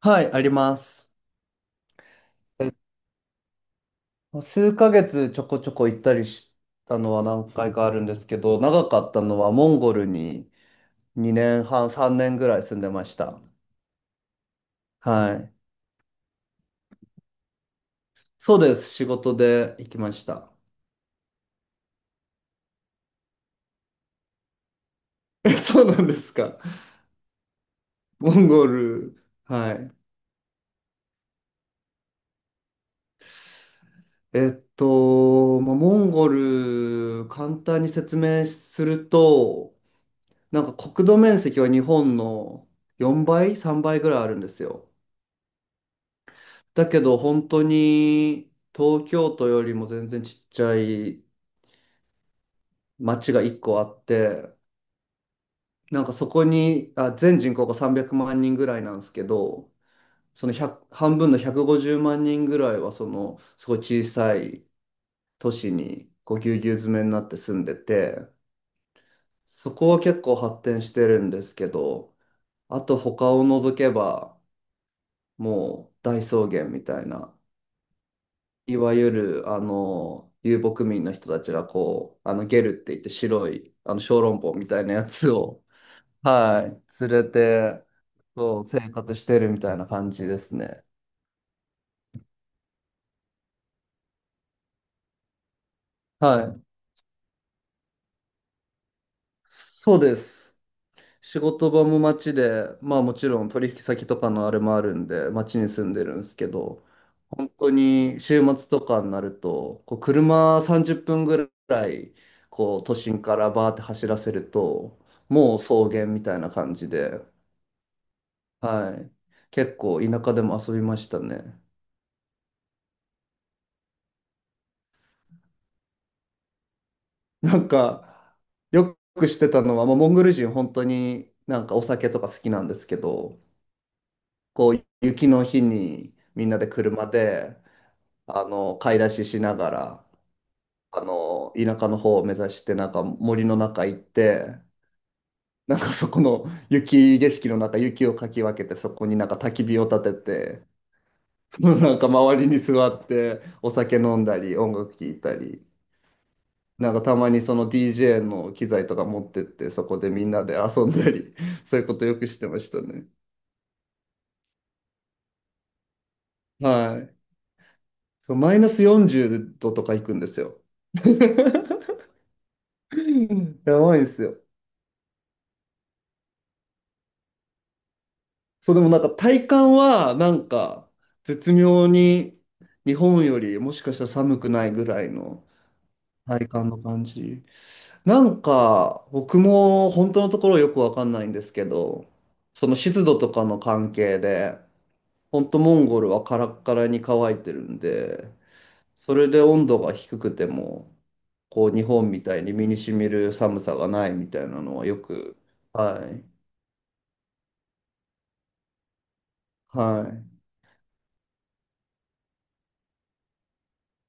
はい、あります。え数ヶ月ちょこちょこ行ったりしたのは何回かあるんですけど、長かったのはモンゴルに2年半、3年ぐらい住んでました。はい。そうです。仕事で行きました。え、そうなんですか。モンゴル。はい。まあ、モンゴル、簡単に説明すると、なんか国土面積は日本の4倍、3倍ぐらいあるんですよ。だけど本当に東京都よりも全然ちっちゃい町が1個あって、なんかそこに、あ、全人口が300万人ぐらいなんですけど、その100、半分の150万人ぐらいはそのすごい小さい都市にこうぎゅうぎゅう詰めになって住んでて、そこは結構発展してるんですけど、あと他を除けばもう大草原みたいな。いわゆる、遊牧民の人たちがこう、ゲルって言って白い、小籠包みたいなやつを、はい、連れて、そう、生活してるみたいな感じですね。はい。そうです。仕事場も街で、まあもちろん取引先とかのあれもあるんで、街に住んでるんですけど、本当に週末とかになると、こう車30分ぐらい、こう都心からバーって走らせると、もう草原みたいな感じで、はい。結構田舎でも遊びましたね。なんか、よくしてたのは、まあ、モンゴル人本当になんかお酒とか好きなんですけど、こう雪の日にみんなで車で、買い出ししながら、田舎の方を目指して、なんか森の中行って、なんかそこの雪景色の中、雪をかき分けて、そこになんか焚き火を立てて、そのなんか周りに座って、お酒飲んだり、音楽聴いたり。なんかたまにその DJ の機材とか持ってって、そこでみんなで遊んだり、そういうことよくしてましたね。はい。マイナス40度とか行くんですよ。やばいんですよ。そう、でもなんか体感はなんか絶妙に日本よりもしかしたら寒くないぐらいの体感の感じ。なんか僕も本当のところよくわかんないんですけど、その湿度とかの関係でほんとモンゴルはカラッカラに乾いてるんで、それで温度が低くても、こう日本みたいに身に染みる寒さがないみたいなのはよく、はい、はい。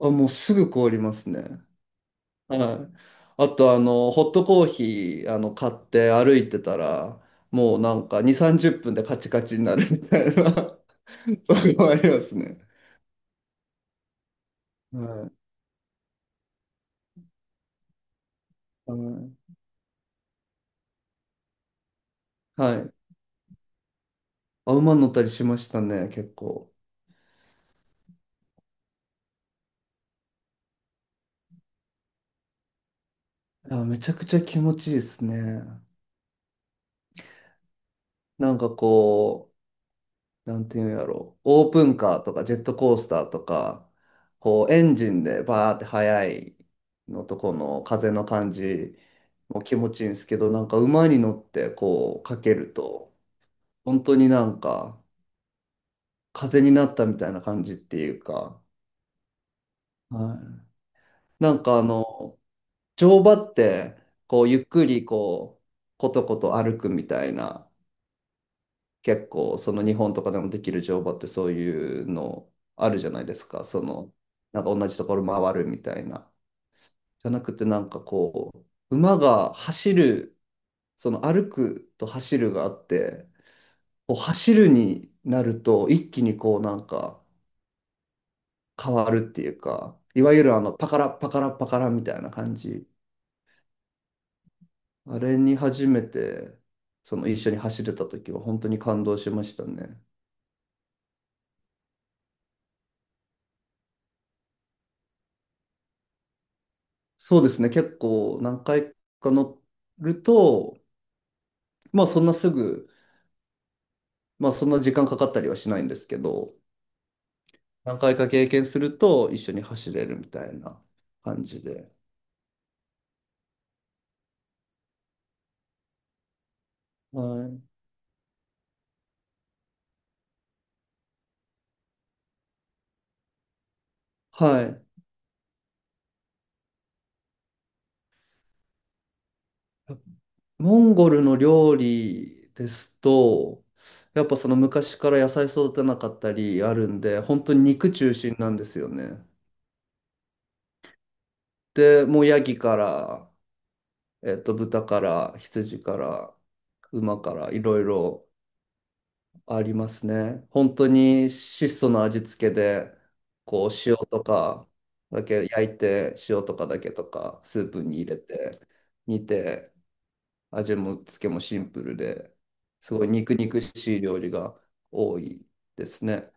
あ、もうすぐ凍りますね。はい。あと、ホットコーヒー、買って歩いてたら、もうなんか2、30分でカチカチになるみたいな とこもあ りますね。はい。はい。はい。あ、馬乗ったりしましたね、結構。いや、めちゃくちゃ気持ちいいですね。なんかこう、なんていうんやろう、オープンカーとかジェットコースターとか、こうエンジンでバーって速いのとこの風の感じも気持ちいいんですけど、なんか馬に乗ってこうかけると、本当になんか風になったみたいな感じっていうか、はい、なんかあの、乗馬ってこうゆっくりこう、ことこと歩くみたいな。結構その日本とかでもできる乗馬ってそういうのあるじゃないですか。そのなんか同じところ回るみたいな。じゃなくてなんかこう馬が走るその歩くと走るがあってこう走るになると一気にこうなんか変わるっていうかいわゆるあのパカラパカラパカラみたいな感じ。あれに初めてその一緒に走れた時は本当に感動しましたね。そうですね、結構何回か乗ると、まあそんなすぐ、まあそんな時間かかったりはしないんですけど、何回か経験すると一緒に走れるみたいな感じで。はい。はい。モンゴルの料理ですと、やっぱその昔から野菜育てなかったりあるんで、本当に肉中心なんですよね。で、もうヤギから、豚から、羊から、馬から、いろいろ。ありますね。本当に質素な味付けで、こう塩とかだけ焼いて、塩とかだけとか、スープに入れて、煮て、味も付けもシンプルで、すごい肉肉しい料理が多いですね。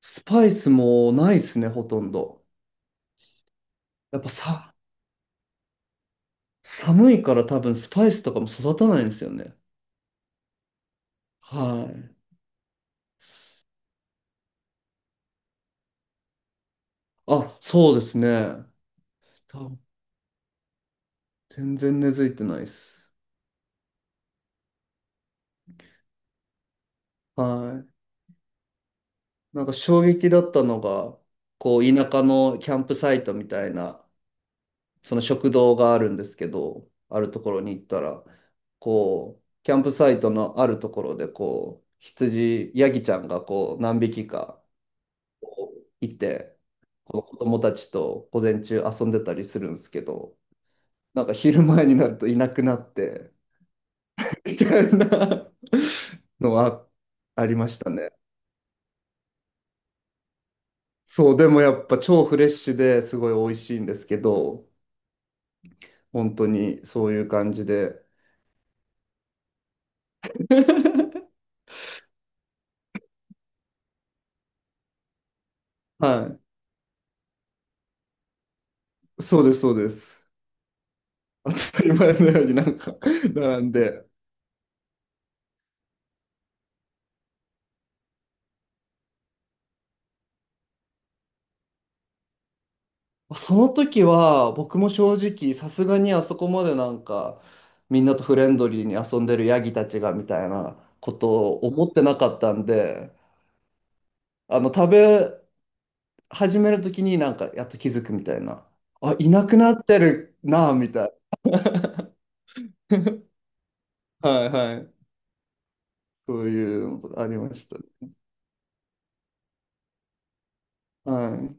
スパイスもないですね、ほとんど。やっぱさ、寒いから多分スパイスとかも育たないんですよね。はい。あ、そうですね。多分全然根付いてないです。はい。なんか衝撃だったのが、こう田舎のキャンプサイトみたいな、その食堂があるんですけど、あるところに行ったら、こう、キャンプサイトのあるところで、こう、羊、ヤギちゃんがこう、何匹かこういて、こう子供たちと午前中遊んでたりするんですけど、なんか昼前になるといなくなって、みたいなのはありましたね。そう、でもやっぱ超フレッシュですごい美味しいんですけど、本当にそういう感じで。はい。そうです、そうです。当たり前のようになんか 並んで。その時は僕も正直さすがにあそこまでなんかみんなとフレンドリーに遊んでるヤギたちがみたいなことを思ってなかったんで、あの食べ始める時になんかやっと気づくみたいな。あ、いなくなってるなみたいな。はいはい。そういうのありましたね。はい。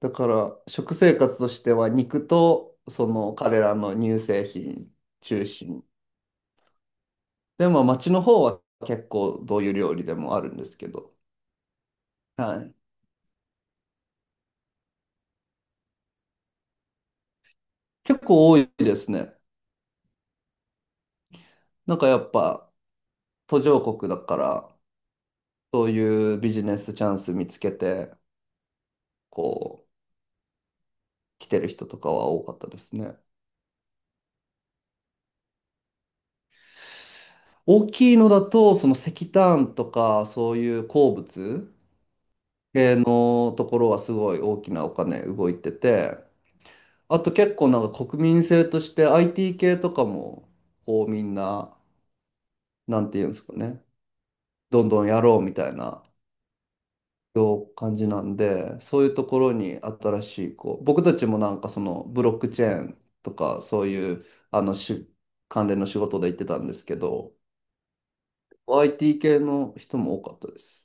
だから食生活としては肉とその彼らの乳製品中心。でも町の方は結構どういう料理でもあるんですけど、はい、結構多いですね。なんかやっぱ途上国だからそういうビジネスチャンス見つけてこう来てる人とかは多かったですね。大きいのだとその石炭とかそういう鉱物系のところはすごい大きなお金動いてて。あと結構なんか国民性として IT 系とかも、こうみんな、なんていうんですかね、どんどんやろうみたいなよう感じなんで、そういうところに新しい、こう、僕たちもなんかそのブロックチェーンとか、そういう、あのし、関連の仕事で行ってたんですけど、IT 系の人も多かったです。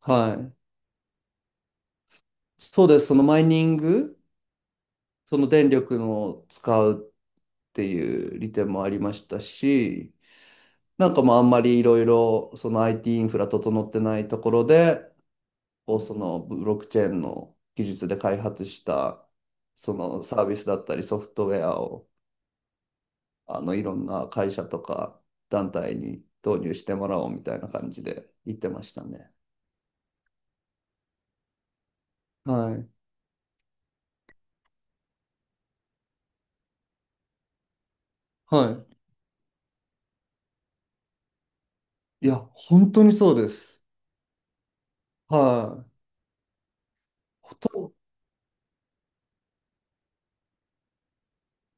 はい。そうです。そのマイニング、その電力の使うっていう利点もありましたし、なんかまああんまりいろいろその IT イティーインフラ整ってないところで、こうそのブロックチェーンの技術で開発したそのサービスだったりソフトウェアをいろんな会社とか団体に導入してもらおうみたいな感じで言ってましたね。はい。はい。いや、本当にそうです。はい。ほとんど、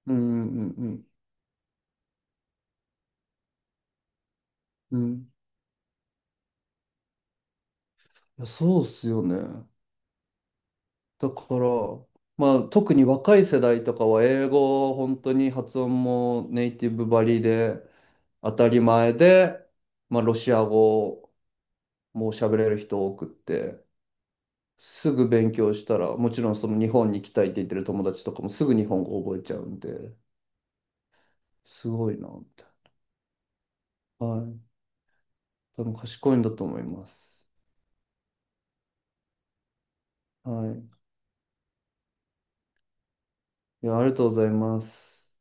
うんうんうんうん。うん。いや、そうっすよね。だから、まあ、特に若い世代とかは英語を本当に発音もネイティブばりで当たり前で、まあ、ロシア語も喋れる人多くってすぐ勉強したらもちろんその日本に行きたいって言ってる友達とかもすぐ日本語覚えちゃうんですごいなみたいな。はい。多分賢いんだと思います。はい。いや、ありがとうございます。